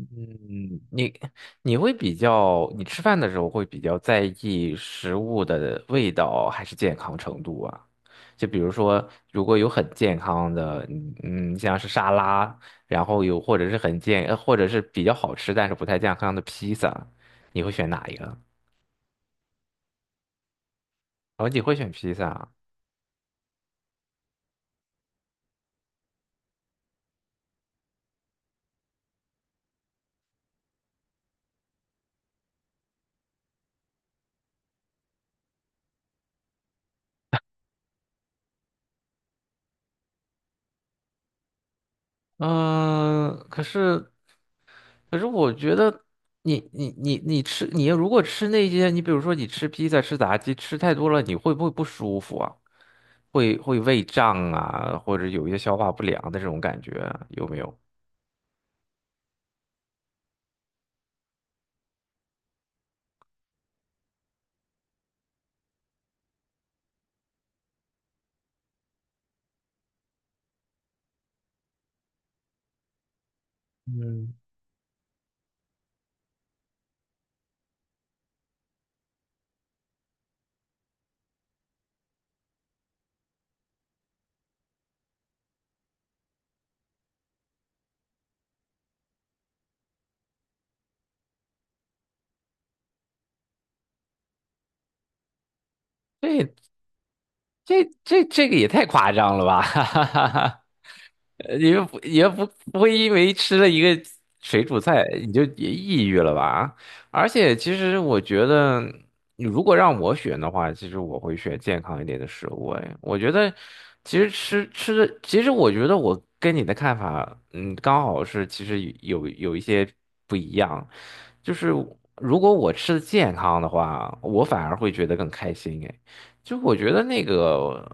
嗯，你你会比较，你吃饭的时候会比较在意食物的味道还是健康程度啊？就比如说，如果有很健康的，像是沙拉，然后有或者是很健，呃或者是比较好吃但是不太健康的披萨，你会选哪一个？哦，你会选披萨啊。嗯，可是我觉得你如果吃那些，你比如说你吃披萨、吃炸鸡，吃太多了，你会不会不舒服啊？会胃胀啊，或者有一些消化不良的这种感觉啊有没有？嗯，对。这个也太夸张了吧！哈哈哈哈，你们不也不不会因为吃了一个水煮菜你就也抑郁了吧？而且其实我觉得，你如果让我选的话，其实我会选健康一点的食物。哎，我觉得其实吃的，其实我觉得我跟你的看法，嗯，刚好是其实有一些不一样。就是如果我吃的健康的话，我反而会觉得更开心。哎。就我觉得那个，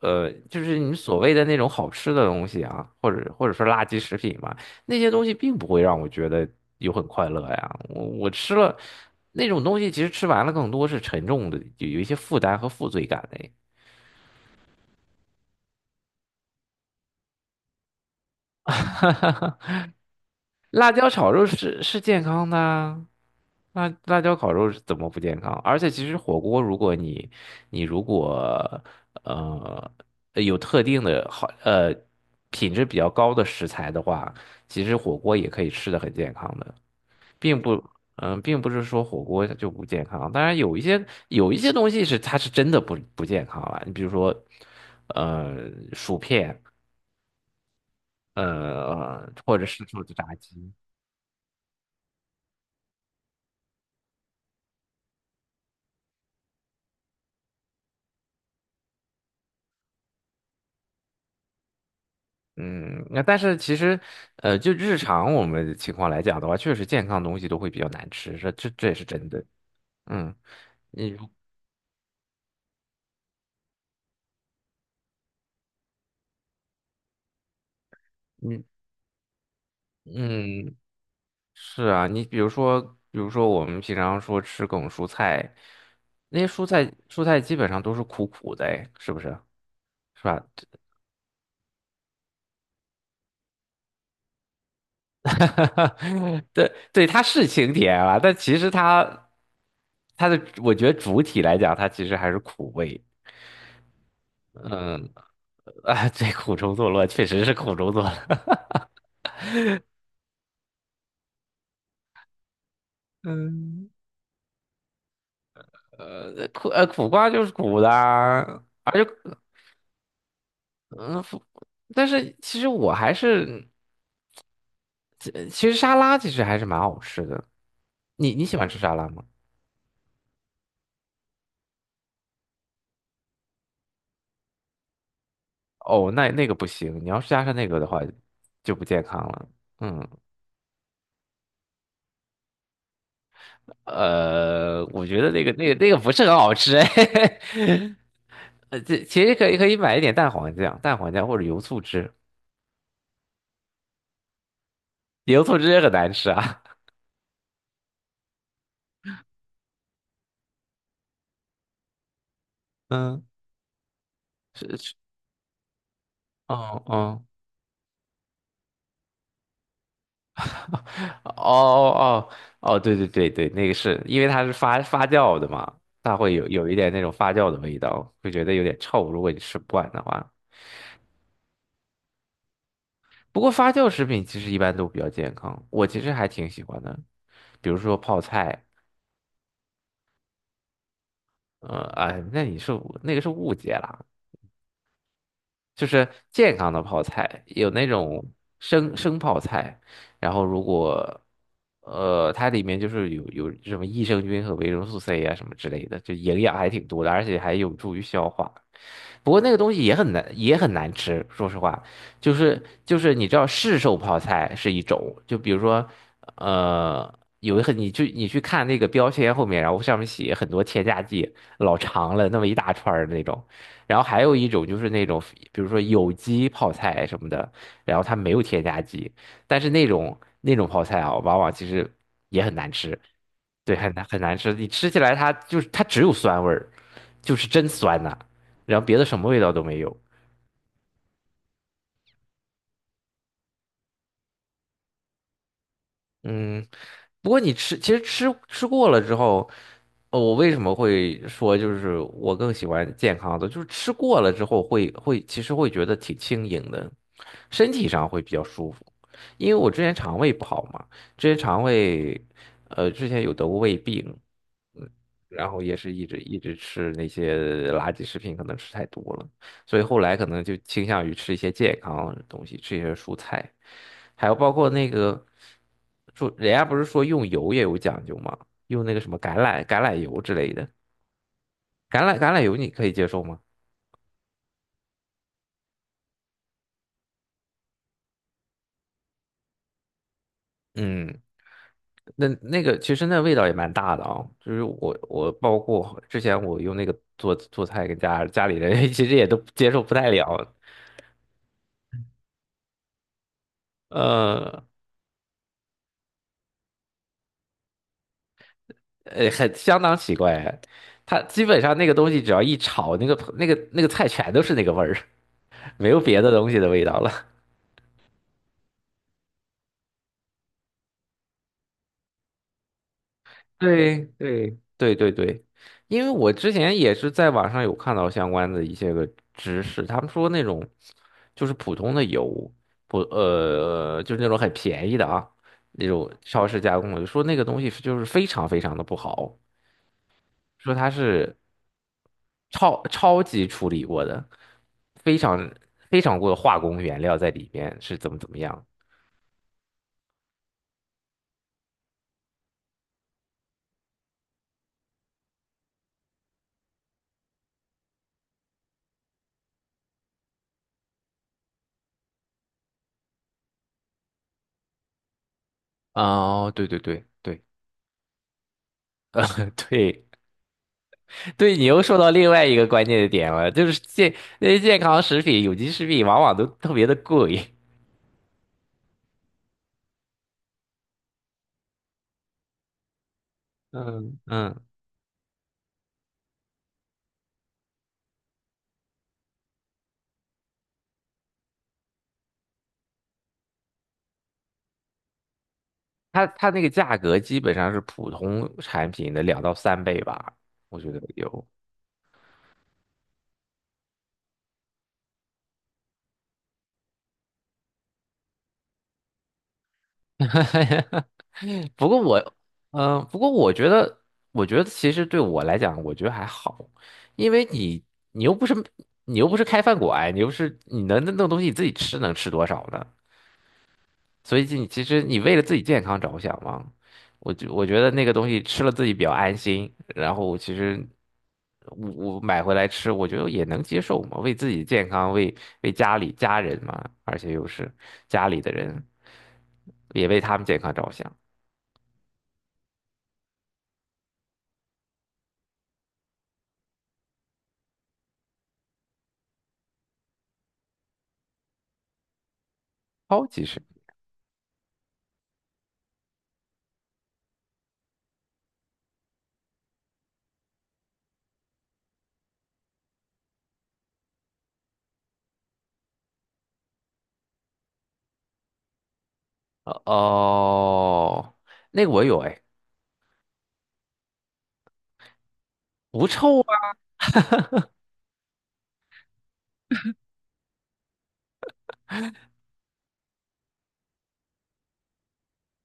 就是你所谓的那种好吃的东西啊，或者说垃圾食品吧，那些东西并不会让我觉得有很快乐呀。我吃了那种东西，其实吃完了更多是沉重的，有一些负担和负罪感的。辣椒炒肉是健康的啊，辣椒烤肉是怎么不健康？而且其实火锅，如果你你如果呃有特定的品质比较高的食材的话，其实火锅也可以吃的很健康的，并不并不是说火锅它就不健康。当然有一些东西是它是真的不健康了，你比如说呃薯片，呃或者是说炸鸡。嗯，那但是其实，呃，就日常我们的情况来讲的话，确实健康的东西都会比较难吃，这也是真的。嗯，你如你嗯，是啊，你比如说，比如说我们平常说吃各种蔬菜，那些蔬菜基本上都是苦苦的，哎，是不是？是吧？对对，它是清甜啊，但其实它它的我觉得主体来讲，它其实还是苦味。嗯，啊，这苦中作乐确实是苦中作乐。苦瓜就是苦的啊，而且嗯，但是其实我还是，其实沙拉其实还是蛮好吃的。你你喜欢吃沙拉吗？哦，那那个不行，你要是加上那个的话，就不健康了。嗯，呃，我觉得那个不是很好吃哎。呃，这其实可以买一点蛋黄酱，蛋黄酱或者油醋汁。油醋汁也很难吃啊。嗯。是是，哦哦哦哦哦，哦对对对对，那个是因为它是发酵的嘛，它会有一点那种发酵的味道，会觉得有点臭，如果你吃不惯的话。不过发酵食品其实一般都比较健康，我其实还挺喜欢的，比如说泡菜，哎，那你是那是误解啦。就是健康的泡菜，有那种生泡菜，然后它里面就是有什么益生菌和维生素 C 啊什么之类的，就营养还挺多的，而且还有助于消化。不过那个东西也很难，也很难吃。说实话，就是你知道市售泡菜是一种，就比如说呃。有一很，你去看那个标签后面，然后上面写很多添加剂，老长了那么一大串儿那种。然后还有一种就是那种，比如说有机泡菜什么的，然后它没有添加剂，但是那种泡菜啊，往往其实也很难吃，对，很难吃，你吃起来它就是它只有酸味儿，就是真酸呐、然后别的什么味道都没有。嗯，不过你吃，其实吃过了之后，呃，我为什么会说就是我更喜欢健康的，就是吃过了之后会，其实会觉得挺轻盈的，身体上会比较舒服。因为我之前肠胃不好嘛，之前肠胃，之前有得过胃病，嗯，然后也是一直吃那些垃圾食品，可能吃太多了。所以后来可能就倾向于吃一些健康的东西，吃一些蔬菜，还有包括那个说人家不是说用油也有讲究吗？用那个什么橄榄油之类的。橄榄油你可以接受吗？嗯，那那个其实那味道也蛮大的啊、就是我我包括之前我用那个做菜跟家里人 其实也都接受不太了。呃，呃，很相当奇怪。它基本上那个东西只要一炒，那个菜全都是那个味儿，没有别的东西的味道了。对对，对对对，因为我之前也是在网上有看到相关的一些个知识，他们说那种就是普通的油，不呃，就是那种很便宜的啊，那种超市加工的，说那个东西是就是非常的不好。说它是超级处理过的，非常非常过的化工原料在里面是怎么怎么样。哦，对对对对，呃，对对，你又说到另外一个关键的点了，就是健那些健康食品、有机食品往往都特别的贵 嗯嗯，它它那个价格基本上是普通产品的两到三倍吧，我觉得有。哈哈，不过我，嗯、不过我觉得，我觉得其实对我来讲，我觉得还好，因为你，你又不是，你又不是开饭馆，你又不是，你能那弄东西你自己吃能吃多少呢？所以你其实你为了自己健康着想嘛，我觉得那个东西吃了自己比较安心，然后其实我买回来吃，我觉得也能接受嘛，为自己的健康，为家里家人嘛，而且又是家里的人，也为他们健康着想。超级市哦哦，那个我有哎，不臭啊，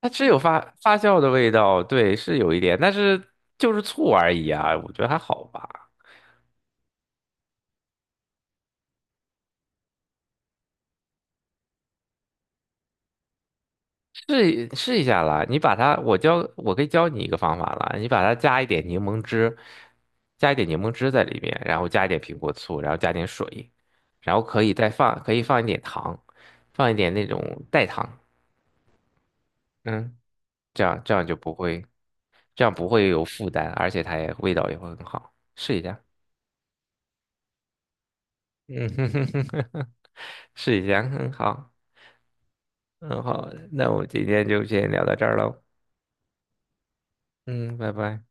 它只有发酵的味道，对，是有一点，但是就是醋而已啊，我觉得还好吧。试试一下啦，你把它，我教，我可以教你一个方法啦，你把它加一点柠檬汁，加一点柠檬汁在里面，然后加一点苹果醋，然后加点水，然后可以放一点糖，放一点那种代糖，嗯，这样就不会。这样不会有负担，而且它也味道也会很好。试一下，嗯哼哼哼哼哼，试一下，很好，很好。那我们今天就先聊到这儿喽，嗯，拜拜。